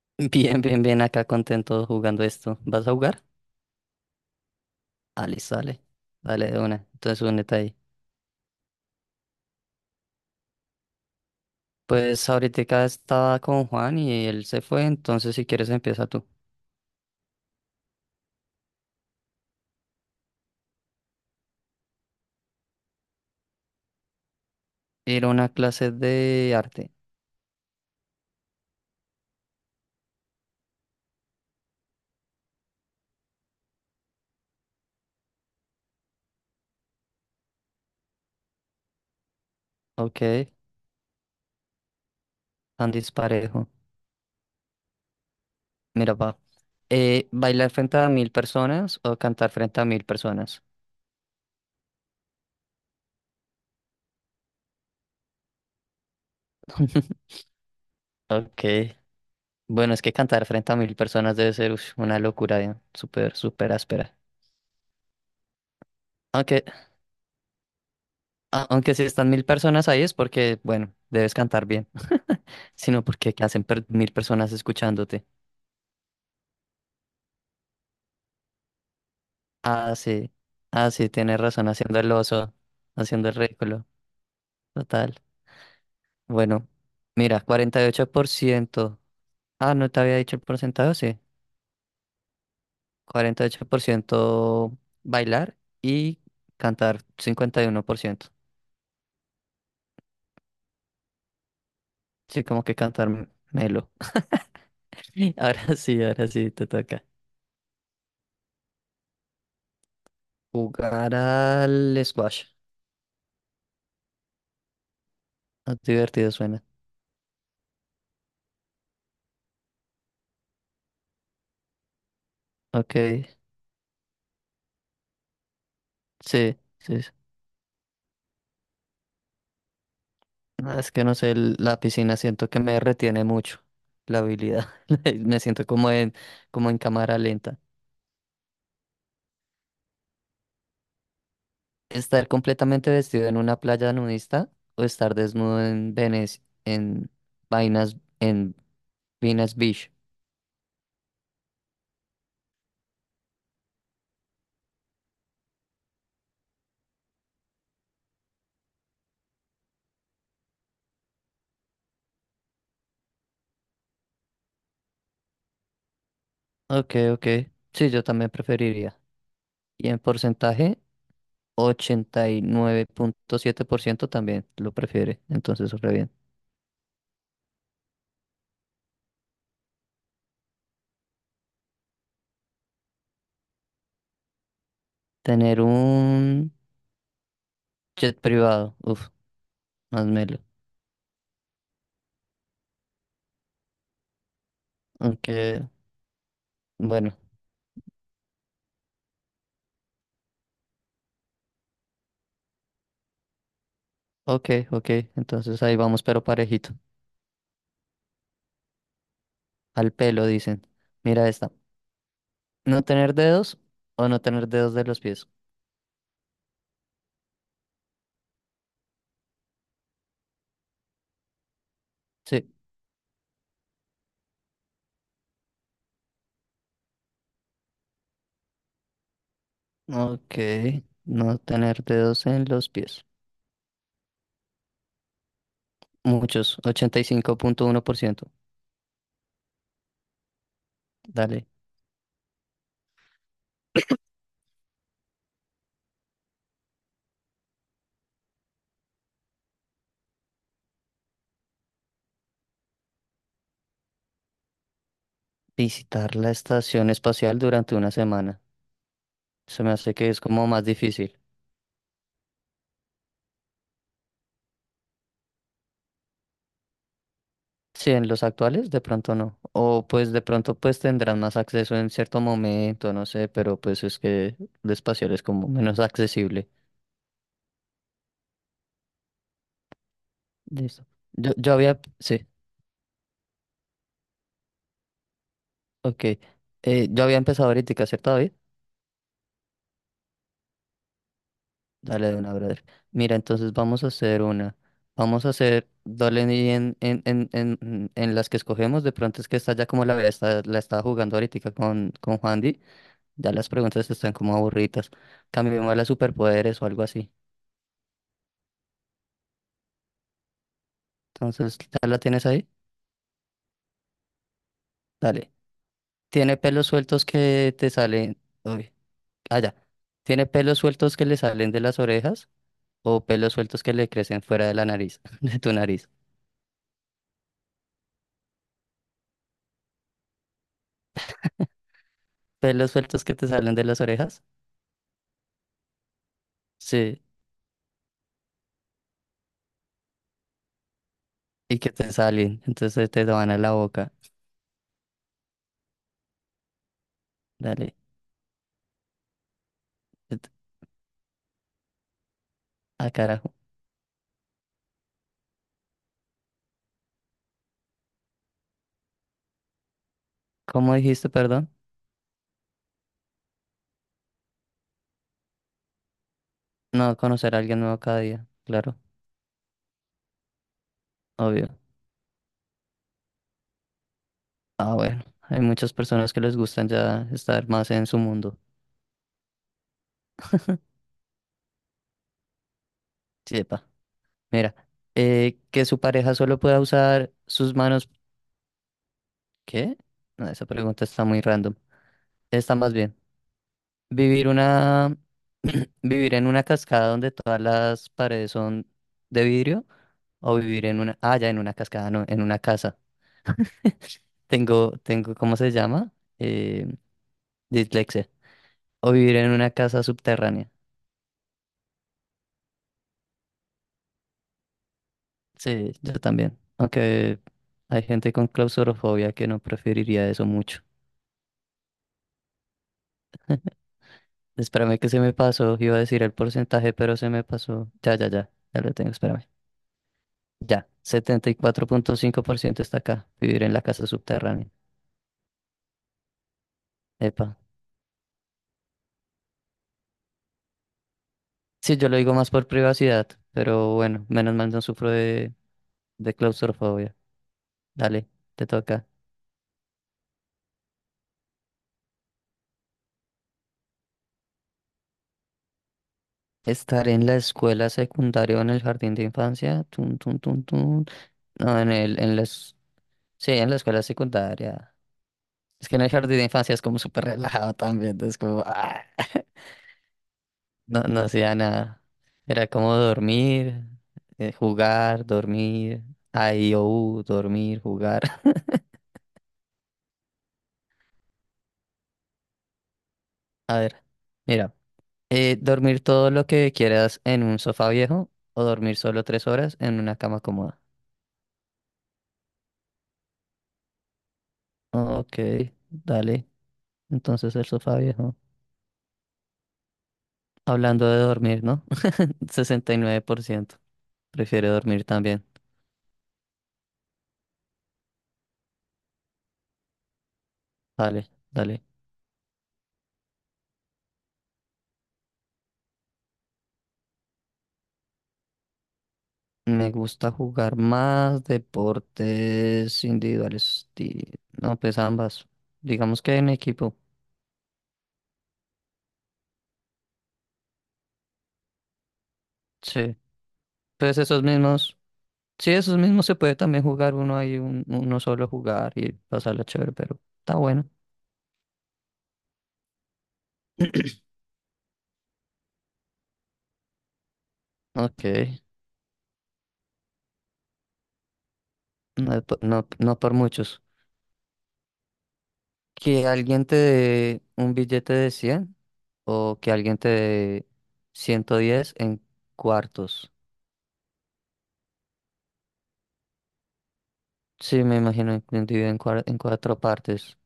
Bien, bien, bien, acá contento jugando esto. ¿Vas a jugar? Ah, listo, dale. Dale, de una. Entonces únete ahí. Pues ahorita estaba con Juan y él se fue, entonces si quieres empieza tú. Ir a una clase de arte. Ok, tan disparejo. Mira, va. ¿Bailar frente a 1000 personas o cantar frente a 1000 personas? Ok. Bueno, es que cantar frente a 1000 personas debe ser uf, una locura, ya, súper, súper áspera. Ok, aunque si están 1000 personas ahí es porque, bueno, debes cantar bien, sino porque, ¿qué hacen 1000 personas escuchándote? Ah, sí, ah, sí, tienes razón, haciendo el oso, haciendo el ridículo, total. Bueno, mira, 48%. Ah, no te había dicho el porcentaje, sí. 48% bailar y cantar 51%. Sí, como que cantar melo. Ahora sí, te toca. Jugar al squash. Ah, divertido suena. Ok, sí, sí, sí. No, es que no sé, la piscina siento que me retiene mucho la habilidad. Me siento como en, como en cámara lenta. Estar completamente vestido en una playa nudista o estar desnudo en Venecia, en vainas, en Venus Beach. Ok, ok. Sí, yo también preferiría. Y en porcentaje, 89.7% también lo prefiere. Entonces, súper bien. Tener un jet privado. Uf, más melo. Aunque, bueno, ok, ok, entonces ahí vamos, pero parejito. Al pelo, dicen. Mira esta. ¿No tener dedos o no tener dedos de los pies? Sí, ok, no tener dedos en los pies. Muchos, 85.1%. Dale. Visitar la estación espacial durante una semana. Se me hace que es como más difícil. Sí, en los actuales de pronto no. O pues de pronto pues tendrán más acceso en cierto momento, no sé, pero pues es que el espacial es como menos accesible. Listo. Yo había, sí, ok. Yo había empezado ahorita, ¿cierto, David? Dale de una, brother. Mira, entonces vamos a hacer una. Vamos a hacer, dale y en las que escogemos, de pronto es que está ya como está, la estaba jugando ahorita con Juandi, ya las preguntas están como aburridas. Cambiemos a las superpoderes o algo así. Entonces, ¿ya la tienes ahí? Dale. Tiene pelos sueltos que te salen. Uy, allá. ¿Tiene pelos sueltos que le salen de las orejas o pelos sueltos que le crecen fuera de la nariz, de tu nariz? ¿Pelos sueltos que te salen de las orejas? Sí, y que te salen. Entonces te van a la boca. Dale. Et- Ah, carajo. ¿Cómo dijiste, perdón? No, conocer a alguien nuevo cada día. Claro, obvio. Ah, bueno. Hay muchas personas que les gustan ya estar más en su mundo. Sí, mira, que su pareja solo pueda usar sus manos. ¿Qué? No, esa pregunta está muy random. Está más bien. Vivir una. Vivir en una cascada donde todas las paredes son de vidrio. O vivir en una. Ah, ya, en una cascada, no, en una casa. Tengo, ¿cómo se llama? Eh, dislexia. O vivir en una casa subterránea. Sí, yo también. Aunque hay gente con claustrofobia que no preferiría eso mucho. Espérame que se me pasó. Iba a decir el porcentaje, pero se me pasó. Ya, ya, ya. Ya lo tengo, espérame. Ya. 74.5% está acá. Vivir en la casa subterránea. Epa. Sí, yo lo digo más por privacidad, pero bueno, menos mal no sufro de claustrofobia. Dale, te toca. Estar en la escuela secundaria o en el jardín de infancia. Tun, tun, tun, tun. No, en las. Sí, en la escuela secundaria. Es que en el jardín de infancia es como súper relajado también. Es como, ah, no, no hacía nada. Era como dormir, jugar, dormir, IOU, dormir, jugar. A ver, mira, dormir todo lo que quieras en un sofá viejo o dormir solo 3 horas en una cama cómoda. Ok, dale. Entonces el sofá viejo. Hablando de dormir, ¿no? 69% prefiere dormir también. Dale, dale. Me gusta jugar más deportes individuales. No, pues ambas. Digamos que en equipo. Sí. Pues esos mismos. Sí, esos mismos se puede también jugar uno ahí, uno solo jugar y pasarla chévere, pero está bueno. Ok. No, es no, no por muchos. Que alguien te dé un billete de 100 o que alguien te dé 110 en cuartos. Sí, me imagino dividido en cuatro partes.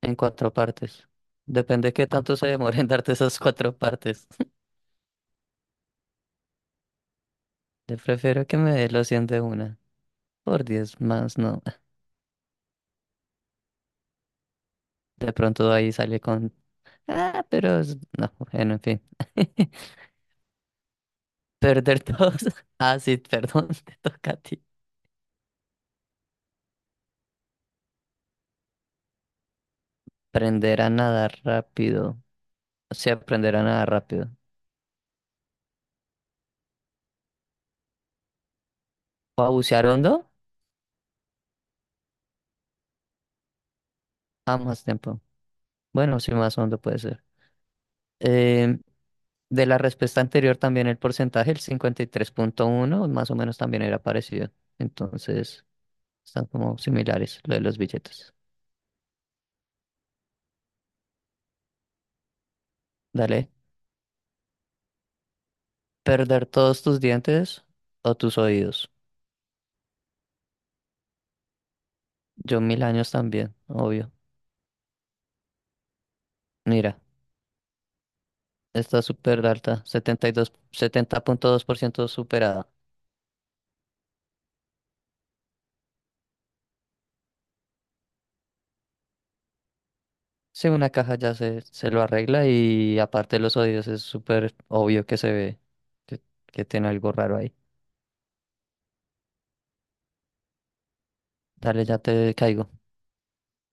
En cuatro partes. Depende qué tanto se demore en darte esas cuatro partes. Yo prefiero que me dé los 100 de una. Por 10 más, no. De pronto ahí sale con. Ah, pero no, bueno, en fin. Perder todos. Ah, sí, perdón, te toca a ti. Aprender a nadar rápido. O sea, aprender a nadar rápido. ¿O a bucear hondo? Ah, más tiempo. Bueno, sí, más hondo puede ser. Em, De la respuesta anterior también el porcentaje, el 53.1 más o menos también era parecido. Entonces, están como similares lo de los billetes. Dale. Perder todos tus dientes o tus oídos. Yo 1000 años también, obvio. Mira, está súper alta, setenta y dos punto dos por ciento superada. Sí, una caja ya se lo arregla y aparte los oídos es súper obvio que se ve que, que tiene algo raro ahí. Dale, ya te caigo.